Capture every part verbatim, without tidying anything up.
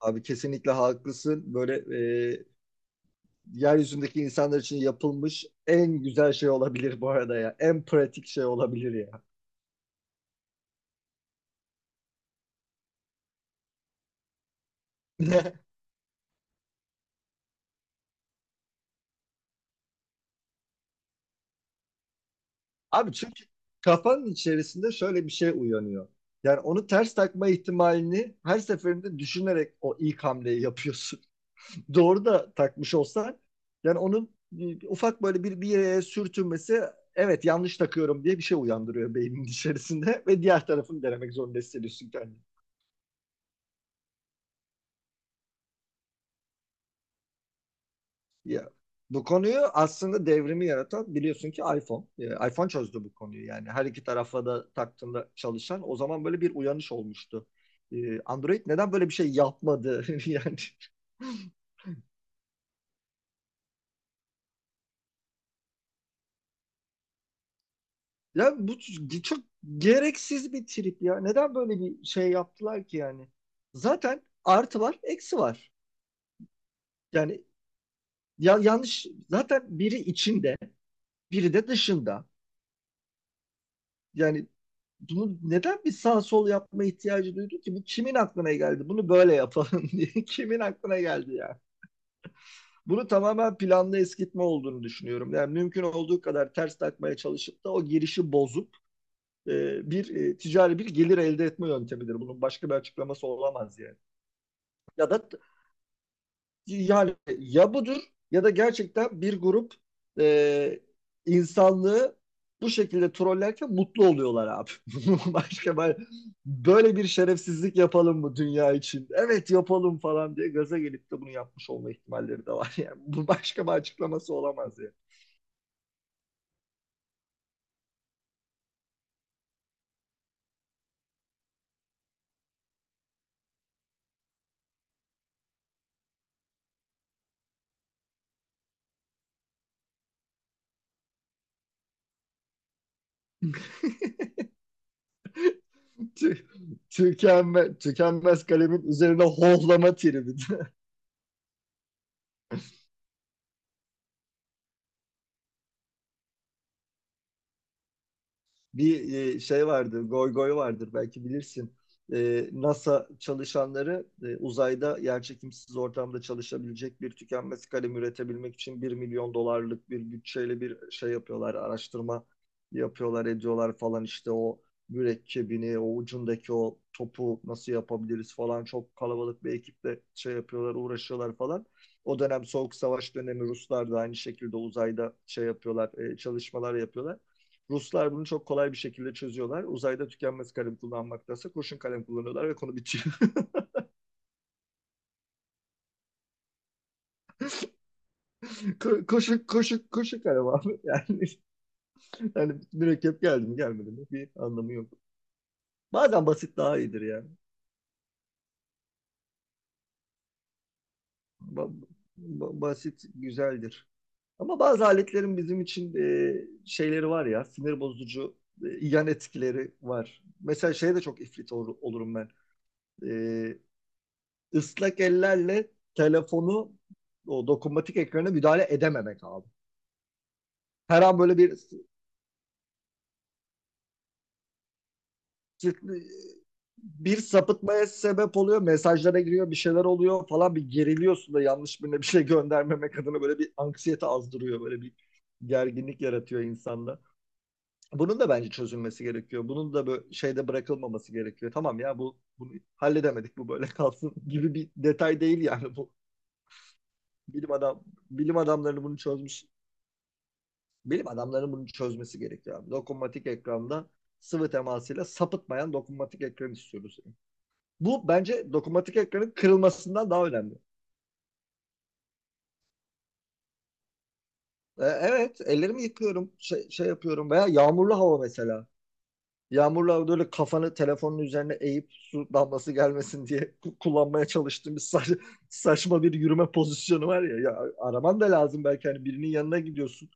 Abi kesinlikle haklısın. Böyle e, yeryüzündeki insanlar için yapılmış en güzel şey olabilir bu arada ya. En pratik şey olabilir ya. Abi çünkü kafanın içerisinde şöyle bir şey uyanıyor. Yani onu ters takma ihtimalini her seferinde düşünerek o ilk hamleyi yapıyorsun. Doğru da takmış olsan yani onun e, ufak böyle bir, bir yere sürtünmesi evet yanlış takıyorum diye bir şey uyandırıyor beynin içerisinde ve diğer tarafını denemek zorunda hissediyorsun kendini. Ya, bu konuyu aslında devrimi yaratan biliyorsun ki iPhone. Ee, iPhone çözdü bu konuyu yani. Her iki tarafla da taktığında çalışan o zaman böyle bir uyanış olmuştu. Ee, Android neden böyle bir şey yapmadı yani. Ya bu çok gereksiz bir trip ya. Neden böyle bir şey yaptılar ki yani? Zaten artı var, eksi var. Yani ya, yanlış zaten biri içinde, biri de dışında. Yani bunu neden bir sağ sol yapma ihtiyacı duydu ki? Bu kimin aklına geldi? Bunu böyle yapalım diye. Kimin aklına geldi ya? Bunu tamamen planlı eskitme olduğunu düşünüyorum. Yani mümkün olduğu kadar ters takmaya çalışıp da o girişi bozup e, bir e, ticari bir gelir elde etme yöntemidir. Bunun başka bir açıklaması olamaz yani. Ya da yani ya budur ya da gerçekten bir grup e, insanlığı bu şekilde trollerken mutlu oluyorlar abi. Başka ben- böyle bir şerefsizlik yapalım mı dünya için? Evet yapalım falan diye gaza gelip de bunu yapmış olma ihtimalleri de var. Yani bu başka bir açıklaması olamaz ya. yani. tükenme, tükenmez kalemin üzerine hohlama tribi. bir e, şey vardır, goy goy vardır belki bilirsin. E, NASA çalışanları e, uzayda yerçekimsiz ortamda çalışabilecek bir tükenmez kalem üretebilmek için bir milyon dolarlık bir bütçeyle bir şey yapıyorlar, araştırma yapıyorlar, ediyorlar falan işte o mürekkebini, o ucundaki o topu nasıl yapabiliriz falan çok kalabalık bir ekiple şey yapıyorlar, uğraşıyorlar falan. O dönem Soğuk Savaş dönemi Ruslar da aynı şekilde uzayda şey yapıyorlar, e, çalışmalar yapıyorlar. Ruslar bunu çok kolay bir şekilde çözüyorlar. Uzayda tükenmez kalem kullanmaktansa kurşun kalem kullanıyorlar ve konu bitiyor. Ko- koşun koşun koşun kalem abi. Yani, yani mürekkep geldi mi gelmedi mi bir anlamı yok. Bazen basit daha iyidir yani. Ba- ba- basit güzeldir. Ama bazı aletlerin bizim için e, şeyleri var ya sinir bozucu e, yan etkileri var. Mesela şeye de çok ifrit ol- olurum ben. E, ıslak ellerle telefonu o dokunmatik ekrana müdahale edememek abi. Her an böyle bir bir sapıtmaya sebep oluyor. Mesajlara giriyor, bir şeyler oluyor falan bir geriliyorsun da yanlış birine bir şey göndermemek adına böyle bir anksiyete azdırıyor. Böyle bir gerginlik yaratıyor insanda. Bunun da bence çözülmesi gerekiyor. Bunun da böyle şeyde bırakılmaması gerekiyor. Tamam ya bu bunu halledemedik bu böyle kalsın gibi bir detay değil yani bu. Bilim adam bilim adamları bunu çözmüş. Bilim adamlarının bunu çözmesi gerekiyor abi. Dokunmatik ekranda sıvı temasıyla sapıtmayan dokunmatik ekran istiyoruz. Bu bence dokunmatik ekranın kırılmasından daha önemli. E, evet, ellerimi yıkıyorum, şey, şey yapıyorum veya yağmurlu hava mesela. Yağmurlu havada öyle kafanı telefonun üzerine eğip su damlası gelmesin diye kullanmaya çalıştığım bir sa- saçma bir yürüme pozisyonu var ya. ya araman da lazım belki hani birinin yanına gidiyorsun.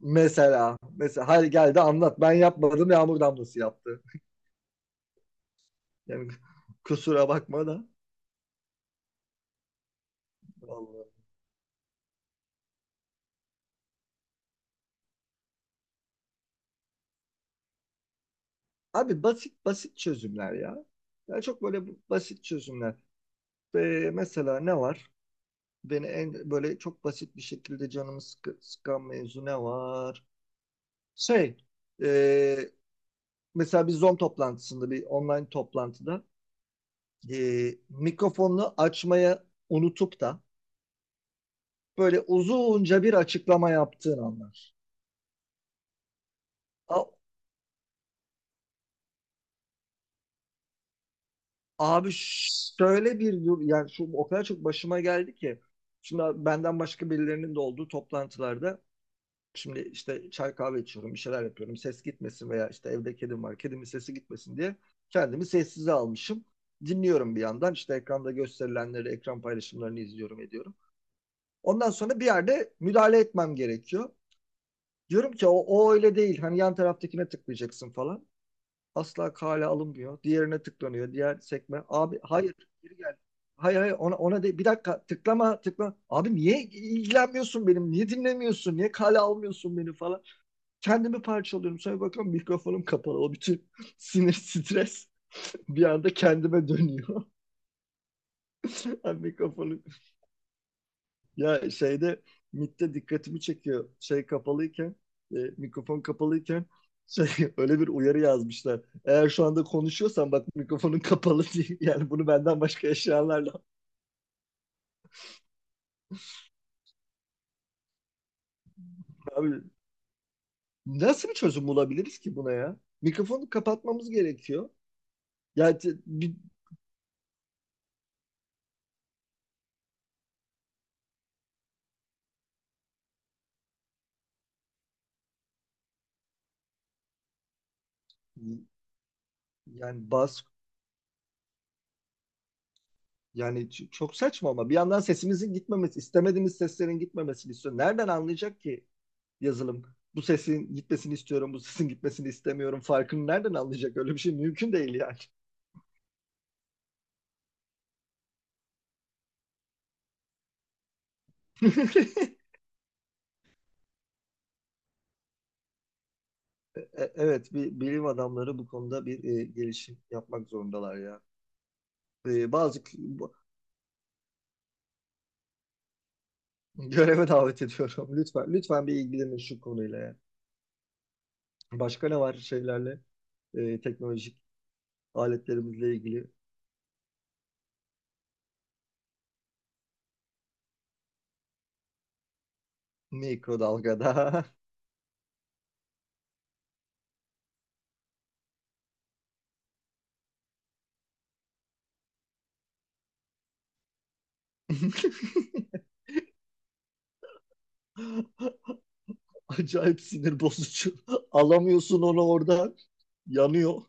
Mesela, mesela hadi gel de anlat ben yapmadım yağmur damlası yaptı. Yani kusura bakma da. Vallahi. Abi basit basit çözümler ya. Yani çok böyle basit çözümler. Ve mesela ne var? Beni en böyle çok basit bir şekilde canımı sıkı, sıkan mevzu ne var? Şey, e, mesela bir Zoom toplantısında, bir online toplantıda e, mikrofonunu açmaya unutup da böyle uzunca bir açıklama yaptığın anlar. A- abi şöyle bir dur, yani şu o kadar çok başıma geldi ki. Şimdi abi benden başka birilerinin de olduğu toplantılarda Şimdi işte çay kahve içiyorum, bir şeyler yapıyorum. Ses gitmesin veya işte evde kedim var. Kedimin sesi gitmesin diye kendimi sessize almışım. Dinliyorum bir yandan. İşte ekranda gösterilenleri, ekran paylaşımlarını izliyorum, ediyorum. Ondan sonra bir yerde müdahale etmem gerekiyor. Diyorum ki o, o öyle değil. Hani yan taraftakine tıklayacaksın falan. Asla kale alınmıyor. Diğerine tıklanıyor. Diğer sekme. Abi hayır geri gel. Hayır, hayır, ona, ona de bir dakika tıklama tıklama. Abi niye ilgilenmiyorsun benim? Niye dinlemiyorsun? Niye kale almıyorsun beni falan. Kendimi parçalıyorum. Sonra bakıyorum mikrofonum kapalı. O bütün sinir, stres bir anda kendime dönüyor. Ben mikrofonu ya şeyde M I T'te dikkatimi çekiyor. Şey kapalıyken e, mikrofon kapalıyken şey, öyle bir uyarı yazmışlar. Eğer şu anda konuşuyorsan bak mikrofonun kapalı diye. Yani bunu benden başka yaşayanlarla. Abi nasıl bir çözüm bulabiliriz ki buna ya? Mikrofonu kapatmamız gerekiyor. Yani, bir, yani bas Yani ç- çok saçma ama bir yandan sesimizin gitmemesi, istemediğimiz seslerin gitmemesini istiyor. Nereden anlayacak ki yazılım? Bu sesin gitmesini istiyorum, bu sesin gitmesini istemiyorum. Farkını nereden anlayacak? Öyle bir şey mümkün değil yani. E- Evet, bir bilim adamları bu konuda bir e, gelişim yapmak zorundalar ya. E, bazı k- bu- Göreve davet ediyorum. Lütfen, lütfen bir ilgilenin şu konuyla ya. Başka ne var şeylerle? E, teknolojik aletlerimizle ilgili mikrodalgada. Acayip sinir bozucu. Alamıyorsun onu oradan. Yanıyor.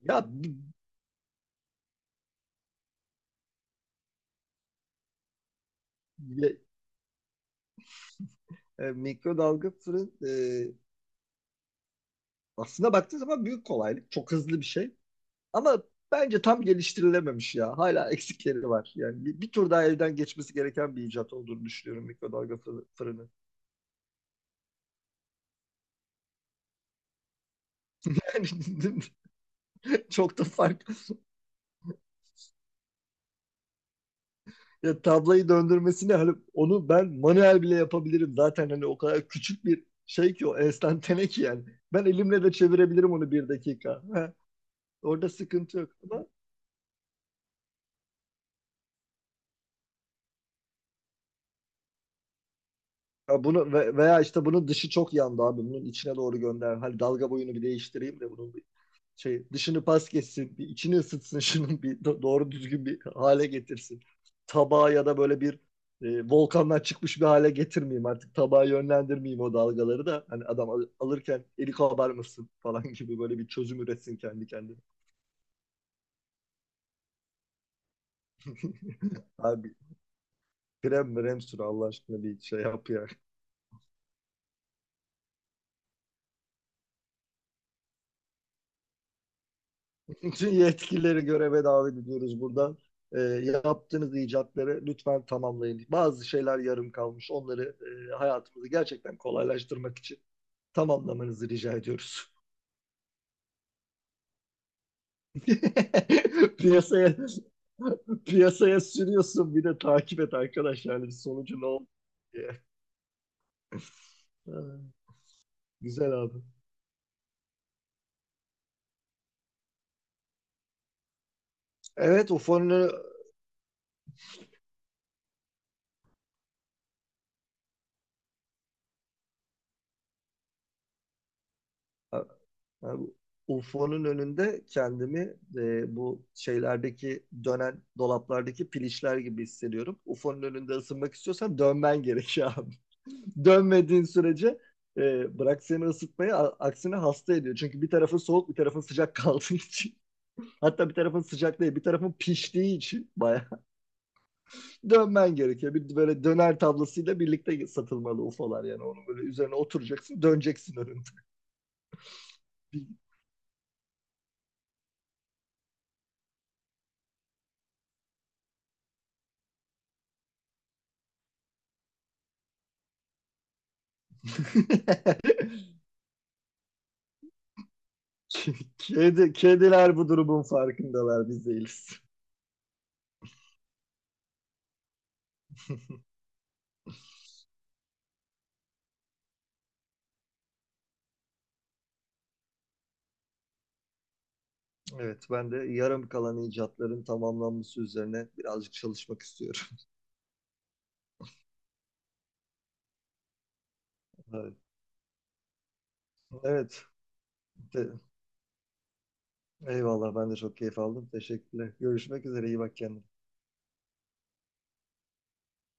Ya, bi- bi- e, mikrodalga fırın e, aslında baktığın zaman büyük kolaylık. Çok hızlı bir şey. Ama bence tam geliştirilememiş ya. Hala eksikleri var. Yani bir, bir tur daha elden geçmesi gereken bir icat olduğunu düşünüyorum mikrodalga fırını. Yani çok da fark Ya, tablayı döndürmesini hani onu ben manuel bile yapabilirim. Zaten hani o kadar küçük bir şey ki o enstantane ki yani. Ben elimle de çevirebilirim onu bir dakika. Ha, orada sıkıntı yok ama ha, bunu ve- veya işte bunun dışı çok yandı abi. Bunun içine doğru gönder. Hani dalga boyunu bir değiştireyim de bunun şey dışını pas geçsin, bir içini ısıtsın şunun bir doğru düzgün bir hale getirsin. Tabağı ya da böyle bir e, volkandan çıkmış bir hale getirmeyeyim artık. Tabağı yönlendirmeyeyim o dalgaları da. Hani adam al- alırken eli kabarmasın falan gibi böyle bir çözüm üretsin kendi kendine. Abi krem mrem sür Allah aşkına bir şey yap ya. Bütün yetkilileri göreve davet ediyoruz buradan. E, yaptığınız icatları lütfen tamamlayın. Bazı şeyler yarım kalmış. Onları e, hayatımızı gerçekten kolaylaştırmak için tamamlamanızı rica ediyoruz. Piyasaya piyasaya sürüyorsun bir de takip et arkadaş yani bir sonucu ne oldu diye. Ha, güzel abi. Evet, UFO'nun U F O'nun önünde kendimi e, bu şeylerdeki dönen dolaplardaki piliçler gibi hissediyorum. U F O'nun önünde ısınmak istiyorsan dönmen gerekiyor abi. Dönmediğin sürece e, bırak seni ısıtmayı a- aksine hasta ediyor. Çünkü bir tarafın soğuk bir tarafın sıcak kaldığı için. Hatta bir tarafın sıcak değil, bir tarafın piştiği için bayağı dönmen gerekiyor. Bir böyle döner tablasıyla birlikte satılmalı U F O'lar yani. Onun böyle üzerine oturacaksın, döneceksin önünde. Kedi, kediler bu durumun farkındalar, biz değiliz. Evet, ben de yarım kalan icatların tamamlanması üzerine birazcık çalışmak istiyorum. Evet, evet. eyvallah ben de çok keyif aldım. Teşekkürler. Görüşmek üzere, iyi bak kendine.